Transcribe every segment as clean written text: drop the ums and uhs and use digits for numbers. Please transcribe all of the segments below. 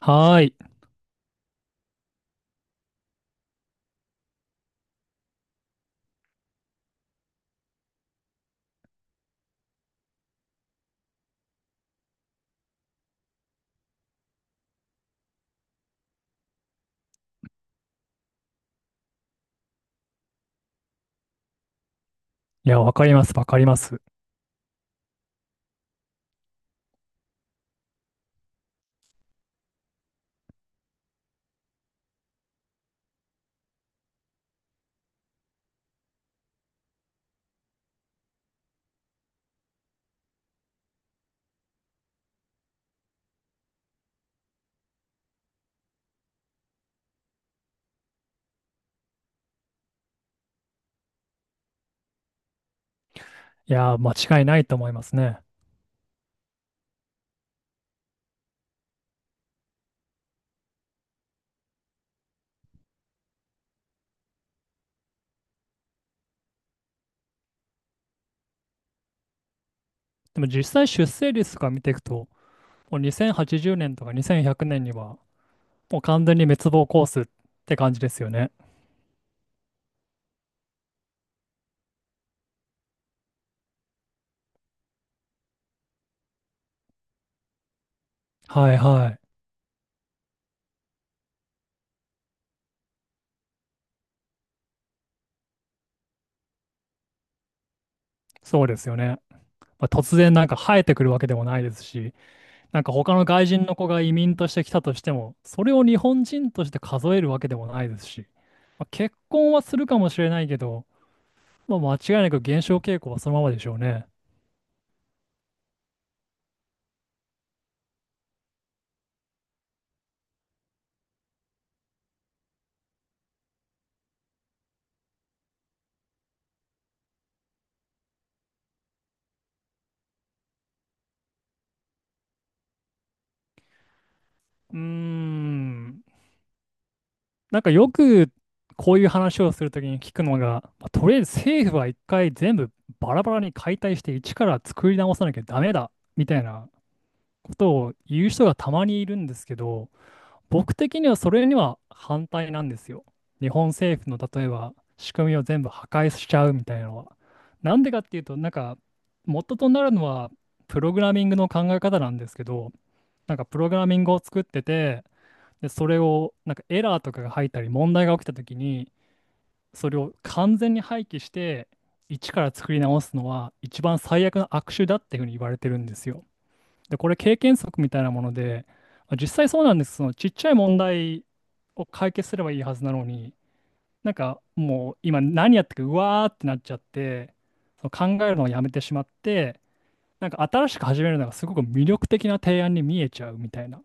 はーい。いや、わかります、わかります。いや、間違いないと思いますね。でも実際出生率とか見ていくと、もう2080年とか2100年には、もう完全に滅亡コースって感じですよね。はいはい。そうですよね。まあ、突然なんか生えてくるわけでもないですし、なんか他の外人の子が移民として来たとしても、それを日本人として数えるわけでもないですし、まあ、結婚はするかもしれないけど、まあ、間違いなく減少傾向はそのままでしょうね。うーん。なんかよくこういう話をするときに聞くのが、まあとりあえず政府は一回全部バラバラに解体して一から作り直さなきゃダメだみたいなことを言う人がたまにいるんですけど、僕的にはそれには反対なんですよ。日本政府の例えば仕組みを全部破壊しちゃうみたいなのは。なんでかっていうと、なんか元となるのはプログラミングの考え方なんですけど、なんかプログラミングを作ってて、で、それを、なんかエラーとかが入ったり、問題が起きたときに、それを完全に廃棄して、一から作り直すのは、一番最悪の悪手だっていうふうに言われてるんですよ。で、これ経験則みたいなもので、まあ実際そうなんです。そのちっちゃい問題を解決すればいいはずなのに、なんかもう今何やってるか、うわーってなっちゃって、その考えるのをやめてしまって、なんか新しく始めるのがすごく魅力的な提案に見えちゃうみたいな。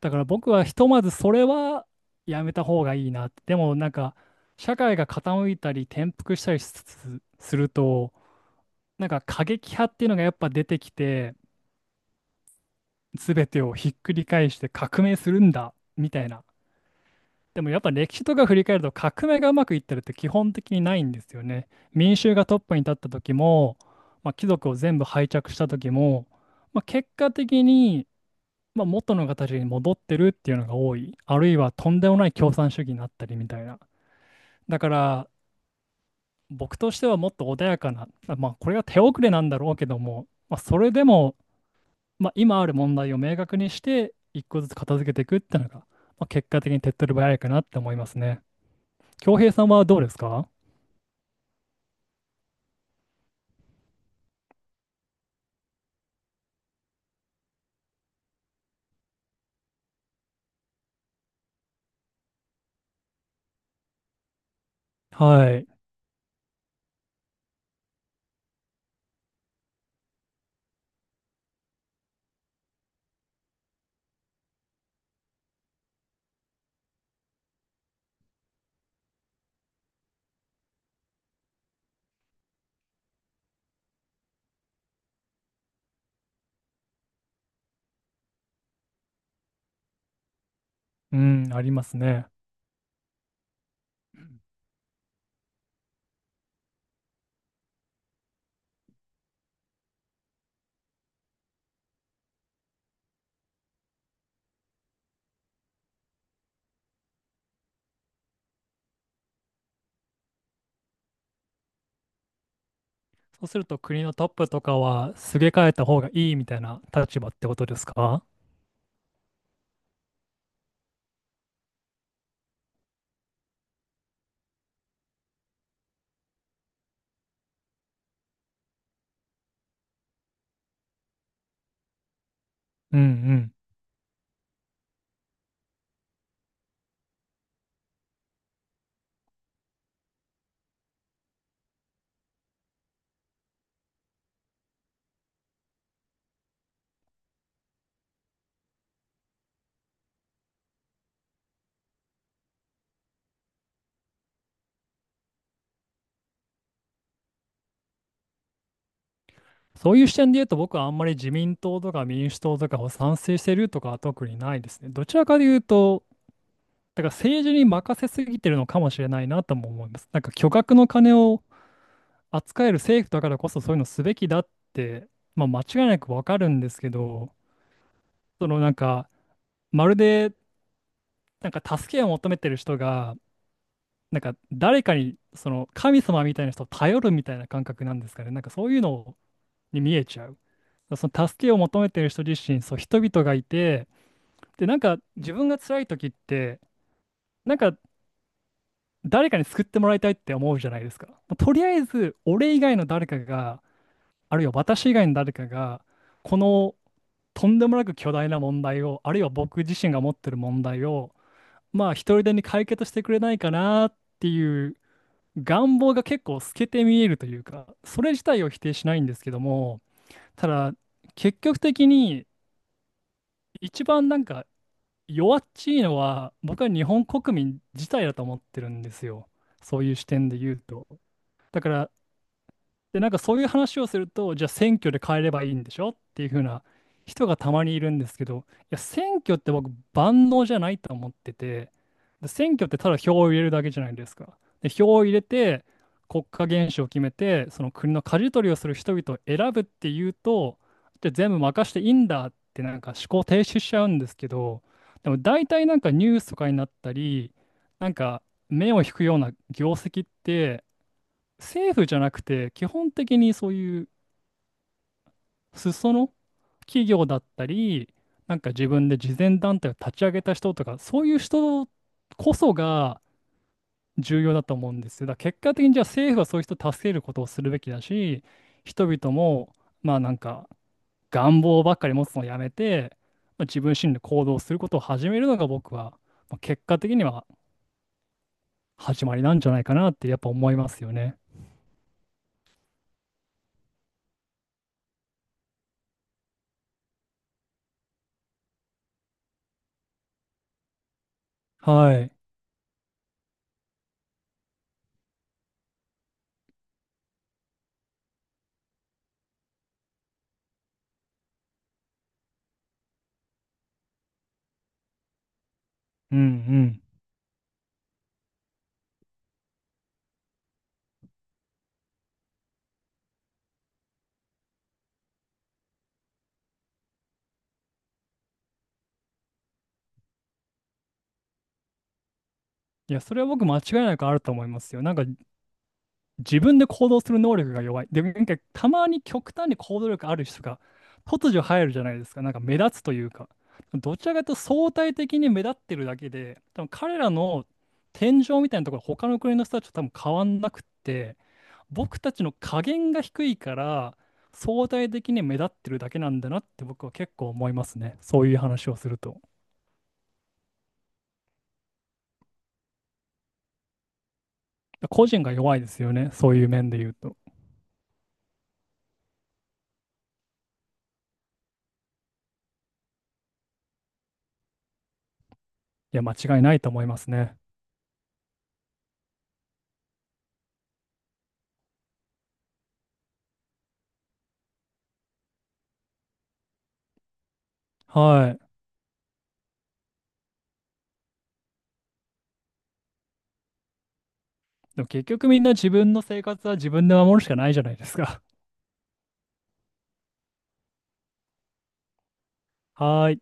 だから僕はひとまずそれはやめた方がいいなって。でもなんか社会が傾いたり転覆したりするとなんか過激派っていうのがやっぱ出てきて全てをひっくり返して革命するんだみたいな。でもやっぱ歴史とか振り返ると革命がうまくいってるって基本的にないんですよね。民衆がトップに立った時も、まあ、貴族を全部廃着した時も、まあ、結果的にまあ、元の形に戻ってるっていうのが多い。あるいはとんでもない共産主義になったりみたいな。だから、僕としてはもっと穏やかな、あまあ、これが手遅れなんだろうけども、まあ、それでも、まあ、今ある問題を明確にして、一個ずつ片付けていくっていうのが、まあ、結果的に手っ取り早いかなって思いますね。恭平さんはどうですか？はい。うん、ありますね。そうすると国のトップとかはすげ替えた方がいいみたいな立場ってことですか？うんうん。そういう視点で言うと、僕はあんまり自民党とか民主党とかを賛成してるとかは特にないですね。どちらかで言うと、だから政治に任せすぎてるのかもしれないなとも思います。なんか巨額の金を扱える政府だからこそそういうのすべきだって、まあ、間違いなくわかるんですけど、そのなんか、まるでなんか助けを求めてる人が、なんか誰かにその神様みたいな人を頼るみたいな感覚なんですかね。なんかそういうのをに見えちゃう。その助けを求めてる人自身、そう、人々がいて、で、なんか自分が辛い時って、なんか誰かに救ってもらいたいって思うじゃないですか。まあとりあえず、俺以外の誰かが、あるいは私以外の誰かが、このとんでもなく巨大な問題を、あるいは僕自身が持ってる問題を、まあ一人でに解決してくれないかなっていう願望が結構透けて見えるというか、それ自体を否定しないんですけども、ただ結局的に一番なんか弱っちいのは僕は日本国民自体だと思ってるんですよ。そういう視点で言うと。だからで、なんかそういう話をすると、じゃあ選挙で変えればいいんでしょっていう風な人がたまにいるんですけど、いや、選挙って僕、万能じゃないと思ってて、で選挙ってただ票を入れるだけじゃないですか。で、票を入れて、国家元首を決めて、その国の舵取りをする人々を選ぶっていうと、じゃあ全部任していいんだって、なんか思考停止しちゃうんですけど、でも大体なんかニュースとかになったり、なんか目を引くような業績って、政府じゃなくて、基本的にそういう裾野企業だったり、なんか自分で慈善団体を立ち上げた人とか、そういう人こそが重要だと思うんですよ。だから結果的にじゃあ政府はそういう人を助けることをするべきだし、人々も、まあなんか願望ばっかり持つのをやめて、まあ、自分自身で行動することを始めるのが僕は、まあ、結果的には始まりなんじゃないかなってやっぱ思いますよね。はい。うんうん。いや、それは僕間違いなくあると思いますよ。なんか自分で行動する能力が弱い。で、なんかたまに極端に行動力ある人が突如入るじゃないですか。なんか目立つというか。どちらかというと相対的に目立ってるだけで、多分彼らの天井みたいなところ、他の国の人たちと多分変わんなくって、僕たちの加減が低いから相対的に目立ってるだけなんだなって僕は結構思いますね。そういう話をすると。個人が弱いですよね。そういう面で言うと。いや、間違いないと思いますね。はい。でも結局みんな自分の生活は自分で守るしかないじゃないですか。はい。